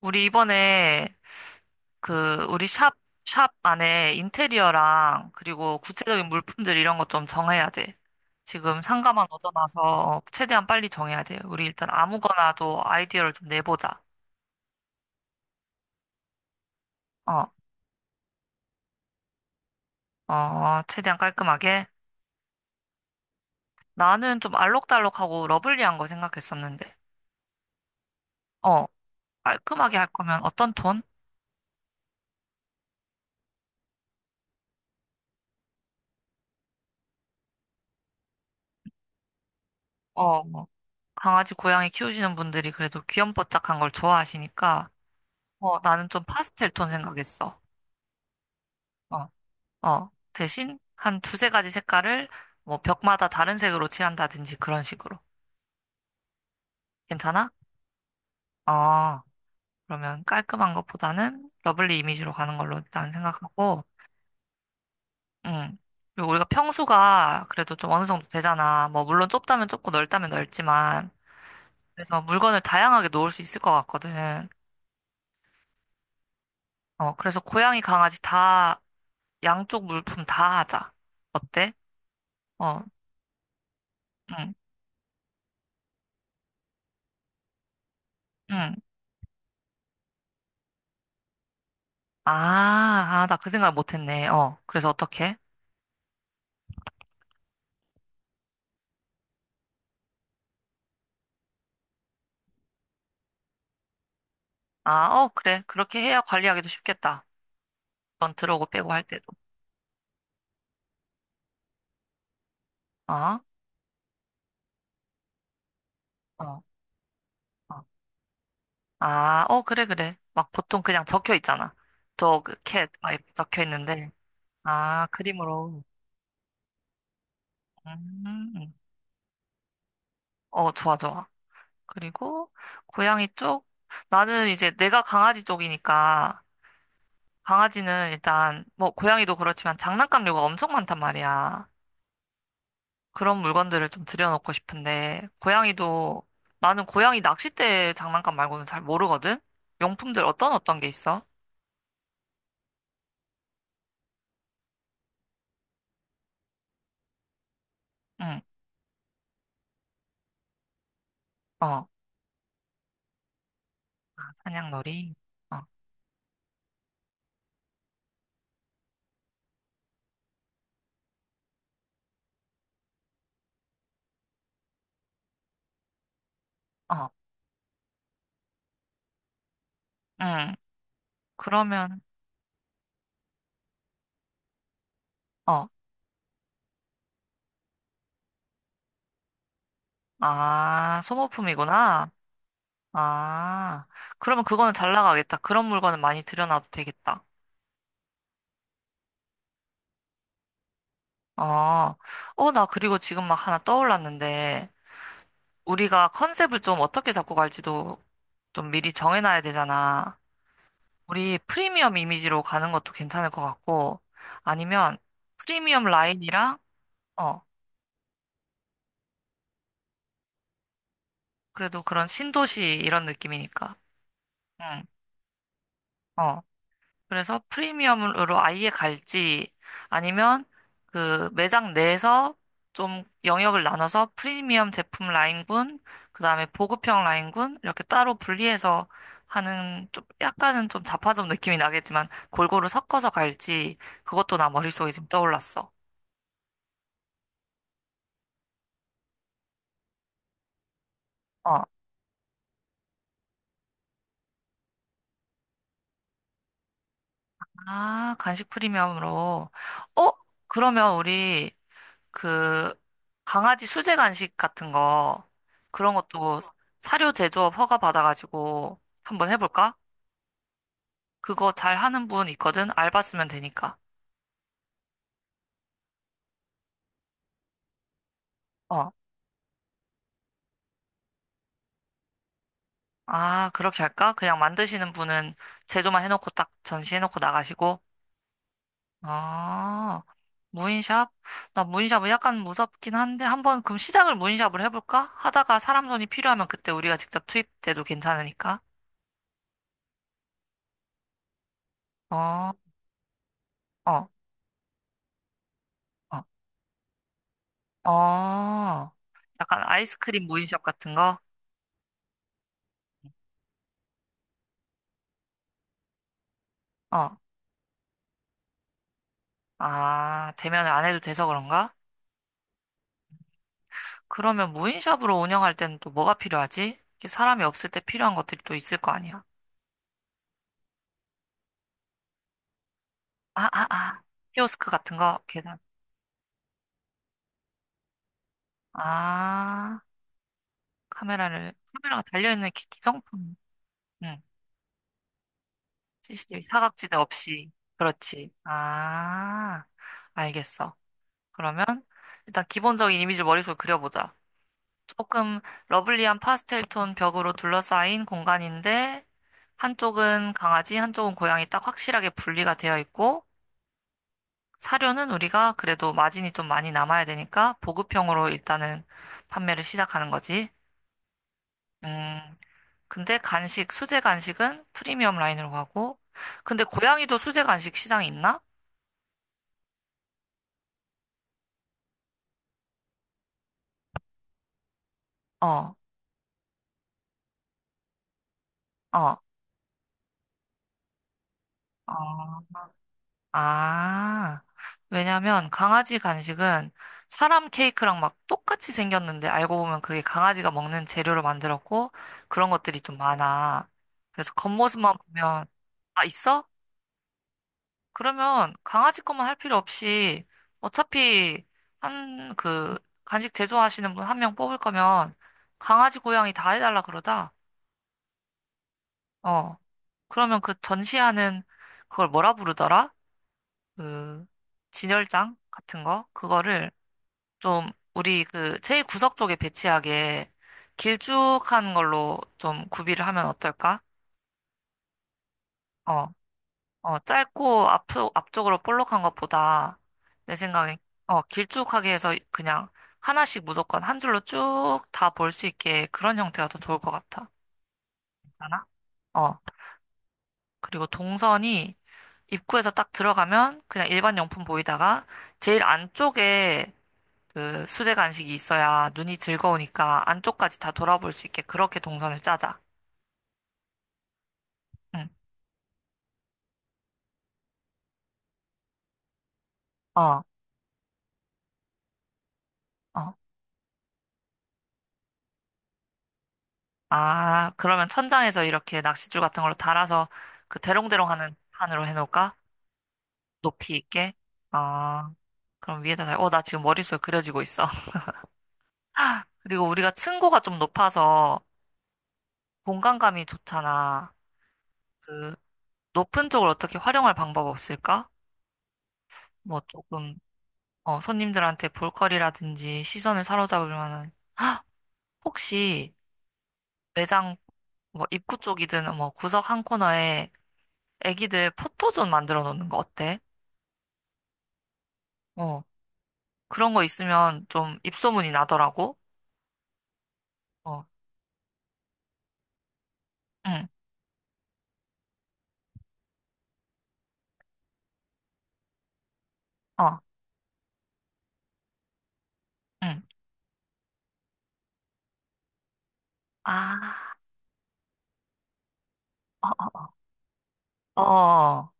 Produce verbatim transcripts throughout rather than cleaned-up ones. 우리 이번에 그 우리 샵, 샵 안에 인테리어랑 그리고 구체적인 물품들 이런 것 좀 정해야 돼. 지금 상가만 얻어놔서 최대한 빨리 정해야 돼. 우리 일단 아무거나도 아이디어를 좀 내보자. 어, 어, 최대한 깔끔하게. 나는 좀 알록달록하고 러블리한 거 생각했었는데. 어, 깔끔하게 할 거면 어떤 톤? 어, 뭐 강아지, 고양이 키우시는 분들이 그래도 귀염뽀짝한 걸 좋아하시니까. 어, 나는 좀 파스텔 톤 생각했어. 어, 어, 대신 한 두세 가지 색깔을 뭐 벽마다 다른 색으로 칠한다든지 그런 식으로. 괜찮아? 어, 그러면 깔끔한 것보다는 러블리 이미지로 가는 걸로 일단 생각하고, 음. 그리고 우리가 평수가 그래도 좀 어느 정도 되잖아. 뭐, 물론 좁다면 좁고 넓다면 넓지만, 그래서 물건을 다양하게 놓을 수 있을 것 같거든. 어, 그래서 고양이, 강아지 다, 양쪽 물품 다 하자. 어때? 어, 응, 응. 아, 아, 나 그 생각 못 했네. 어, 그래서 어떻게? 아, 어, 그래. 그렇게 해야 관리하기도 쉽겠다. 넌 들어오고 빼고 할 때도. 어? 어, 어. 아, 어, 그래, 그래. 막 보통 그냥 적혀 있잖아. Dog, cat, 막 이렇게 적혀 있는데. 아, 그림으로. 음, 어, 좋아, 좋아. 그리고 고양이 쪽? 나는 이제 내가 강아지 쪽이니까 강아지는 일단 뭐 고양이도 그렇지만 장난감류가 엄청 많단 말이야. 그런 물건들을 좀 들여놓고 싶은데, 고양이도, 나는 고양이 낚싯대 장난감 말고는 잘 모르거든? 용품들 어떤 어떤 게 있어? 응, 어, 아, 사냥놀이? 어, 어, 응, 그러면, 어, 아, 소모품이구나. 아, 그러면 그거는 잘 나가겠다. 그런 물건은 많이 들여놔도 되겠다. 어, 어, 나 그리고 지금 막 하나 떠올랐는데, 우리가 컨셉을 좀 어떻게 잡고 갈지도 좀 미리 정해놔야 되잖아. 우리 프리미엄 이미지로 가는 것도 괜찮을 것 같고, 아니면 프리미엄 라인이랑, 어, 그래도 그런 신도시 이런 느낌이니까. 응, 어. 그래서 프리미엄으로 아예 갈지, 아니면 그 매장 내에서 좀 영역을 나눠서 프리미엄 제품 라인군, 그 다음에 보급형 라인군, 이렇게 따로 분리해서 하는 좀 약간은 좀 자파점 느낌이 나겠지만 골고루 섞어서 갈지, 그것도 나 머릿속에 지금 떠올랐어. 어. 아, 간식 프리미엄으로. 어? 그러면 우리 그 강아지 수제 간식 같은 거 그런 것도 사료 제조업 허가 받아가지고 한번 해볼까? 그거 잘 하는 분 있거든? 알바 쓰면 되니까. 어. 아, 그렇게 할까? 그냥 만드시는 분은 제조만 해놓고 딱 전시해놓고 나가시고. 아, 무인샵? 나 무인샵은 약간 무섭긴 한데 한번 그럼 시작을 무인샵으로 해볼까? 하다가 사람 손이 필요하면 그때 우리가 직접 투입돼도 괜찮으니까. 어 어, 어, 어. 약간 아이스크림 무인샵 같은 거? 어. 아, 대면을 안 해도 돼서 그런가? 그러면 무인샵으로 운영할 때는 또 뭐가 필요하지? 이게 사람이 없을 때 필요한 것들이 또 있을 거 아니야? 아, 아, 아. 키오스크 같은 거? 계단. 아, 카메라를, 카메라가 달려있는 기- 기성품. 응. 씨씨티비 사각지대 없이. 그렇지. 아, 알겠어. 그러면 일단 기본적인 이미지를 머릿속에 그려보자. 조금 러블리한 파스텔 톤 벽으로 둘러싸인 공간인데 한쪽은 강아지, 한쪽은 고양이 딱 확실하게 분리가 되어 있고 사료는 우리가 그래도 마진이 좀 많이 남아야 되니까 보급형으로 일단은 판매를 시작하는 거지. 음, 근데 간식, 수제 간식은 프리미엄 라인으로 가고 근데 고양이도 수제 간식 시장이 있나? 어, 어. 어. 아, 왜냐면 강아지 간식은 사람 케이크랑 막 똑같이 생겼는데 알고 보면 그게 강아지가 먹는 재료로 만들었고 그런 것들이 좀 많아. 그래서 겉모습만 보면, 아, 있어? 그러면 강아지 것만 할 필요 없이 어차피 한 그 간식 제조하시는 분 한 명 뽑을 거면 강아지 고양이 다 해달라 그러자. 어. 그러면 그 전시하는 그걸 뭐라 부르더라? 그 진열장 같은 거? 그거를 좀 우리 그 제일 구석 쪽에 배치하게 길쭉한 걸로 좀 구비를 하면 어떨까? 어, 어, 짧고 앞, 앞쪽으로 볼록한 것보다 내 생각에 어, 길쭉하게 해서 그냥 하나씩 무조건 한 줄로 쭉 다 볼 수 있게 그런 형태가 더 좋을 것 같아. 괜찮아? 어, 그리고 동선이 입구에서 딱 들어가면 그냥 일반 용품 보이다가 제일 안쪽에 그 수제 간식이 있어야 눈이 즐거우니까 안쪽까지 다 돌아볼 수 있게 그렇게 동선을 짜자. 응. 어, 어. 아, 그러면 천장에서 이렇게 낚싯줄 같은 걸로 달아서 그 대롱대롱 하는 판으로 해놓을까? 높이 있게? 아, 그럼 위에다 달, 어, 나 지금 머릿속에 그려지고 있어. 그리고 우리가 층고가 좀 높아서 공간감이 좋잖아. 그 높은 쪽을 어떻게 활용할 방법 없을까? 뭐 조금, 어, 손님들한테 볼거리라든지 시선을 사로잡을 만한 혹시 매장 뭐 입구 쪽이든 뭐 구석 한 코너에 애기들 포토존 만들어 놓는 거 어때? 어, 그런 거 있으면 좀 입소문이 나더라고. 어, 응, 어, 응. 아, 어, 어, 어,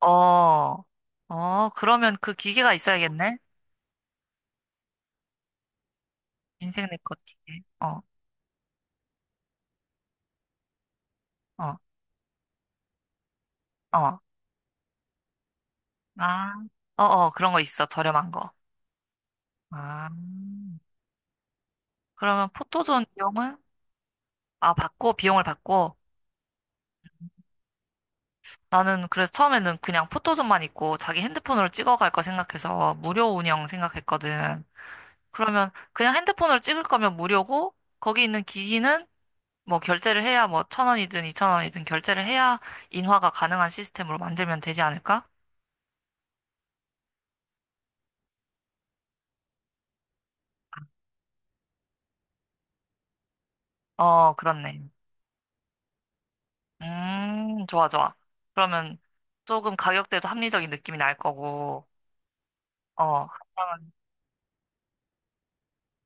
어, 어, 어, 그러면 그 기계가 있어야겠네? 인생 네컷 기계. 어, 어, 어. 아, 어, 어, 그런 거 있어. 저렴한 거. 아, 그러면 포토존 비용은? 아, 받고, 비용을 받고. 나는 그래서 처음에는 그냥 포토존만 있고 자기 핸드폰으로 찍어갈 거 생각해서 무료 운영 생각했거든. 그러면 그냥 핸드폰으로 찍을 거면 무료고 거기 있는 기기는 뭐 결제를 해야 뭐 천 원이든 이천 원이든 결제를 해야 인화가 가능한 시스템으로 만들면 되지 않을까? 어, 그렇네. 음, 좋아, 좋아. 그러면 조금 가격대도 합리적인 느낌이 날 거고, 어, 한장은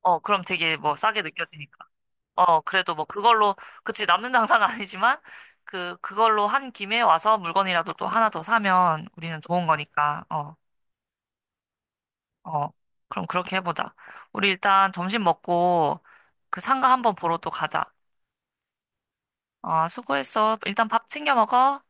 어, 그럼 되게 뭐 싸게 느껴지니까. 어, 그래도 뭐 그걸로, 그치, 남는 당사는 아니지만, 그, 그걸로 한 김에 와서 물건이라도 또 하나 더 사면 우리는 좋은 거니까, 어, 어. 그럼 그렇게 해보자. 우리 일단 점심 먹고 그 상가 한번 보러 또 가자. 어, 수고했어. 일단 밥 챙겨 먹어.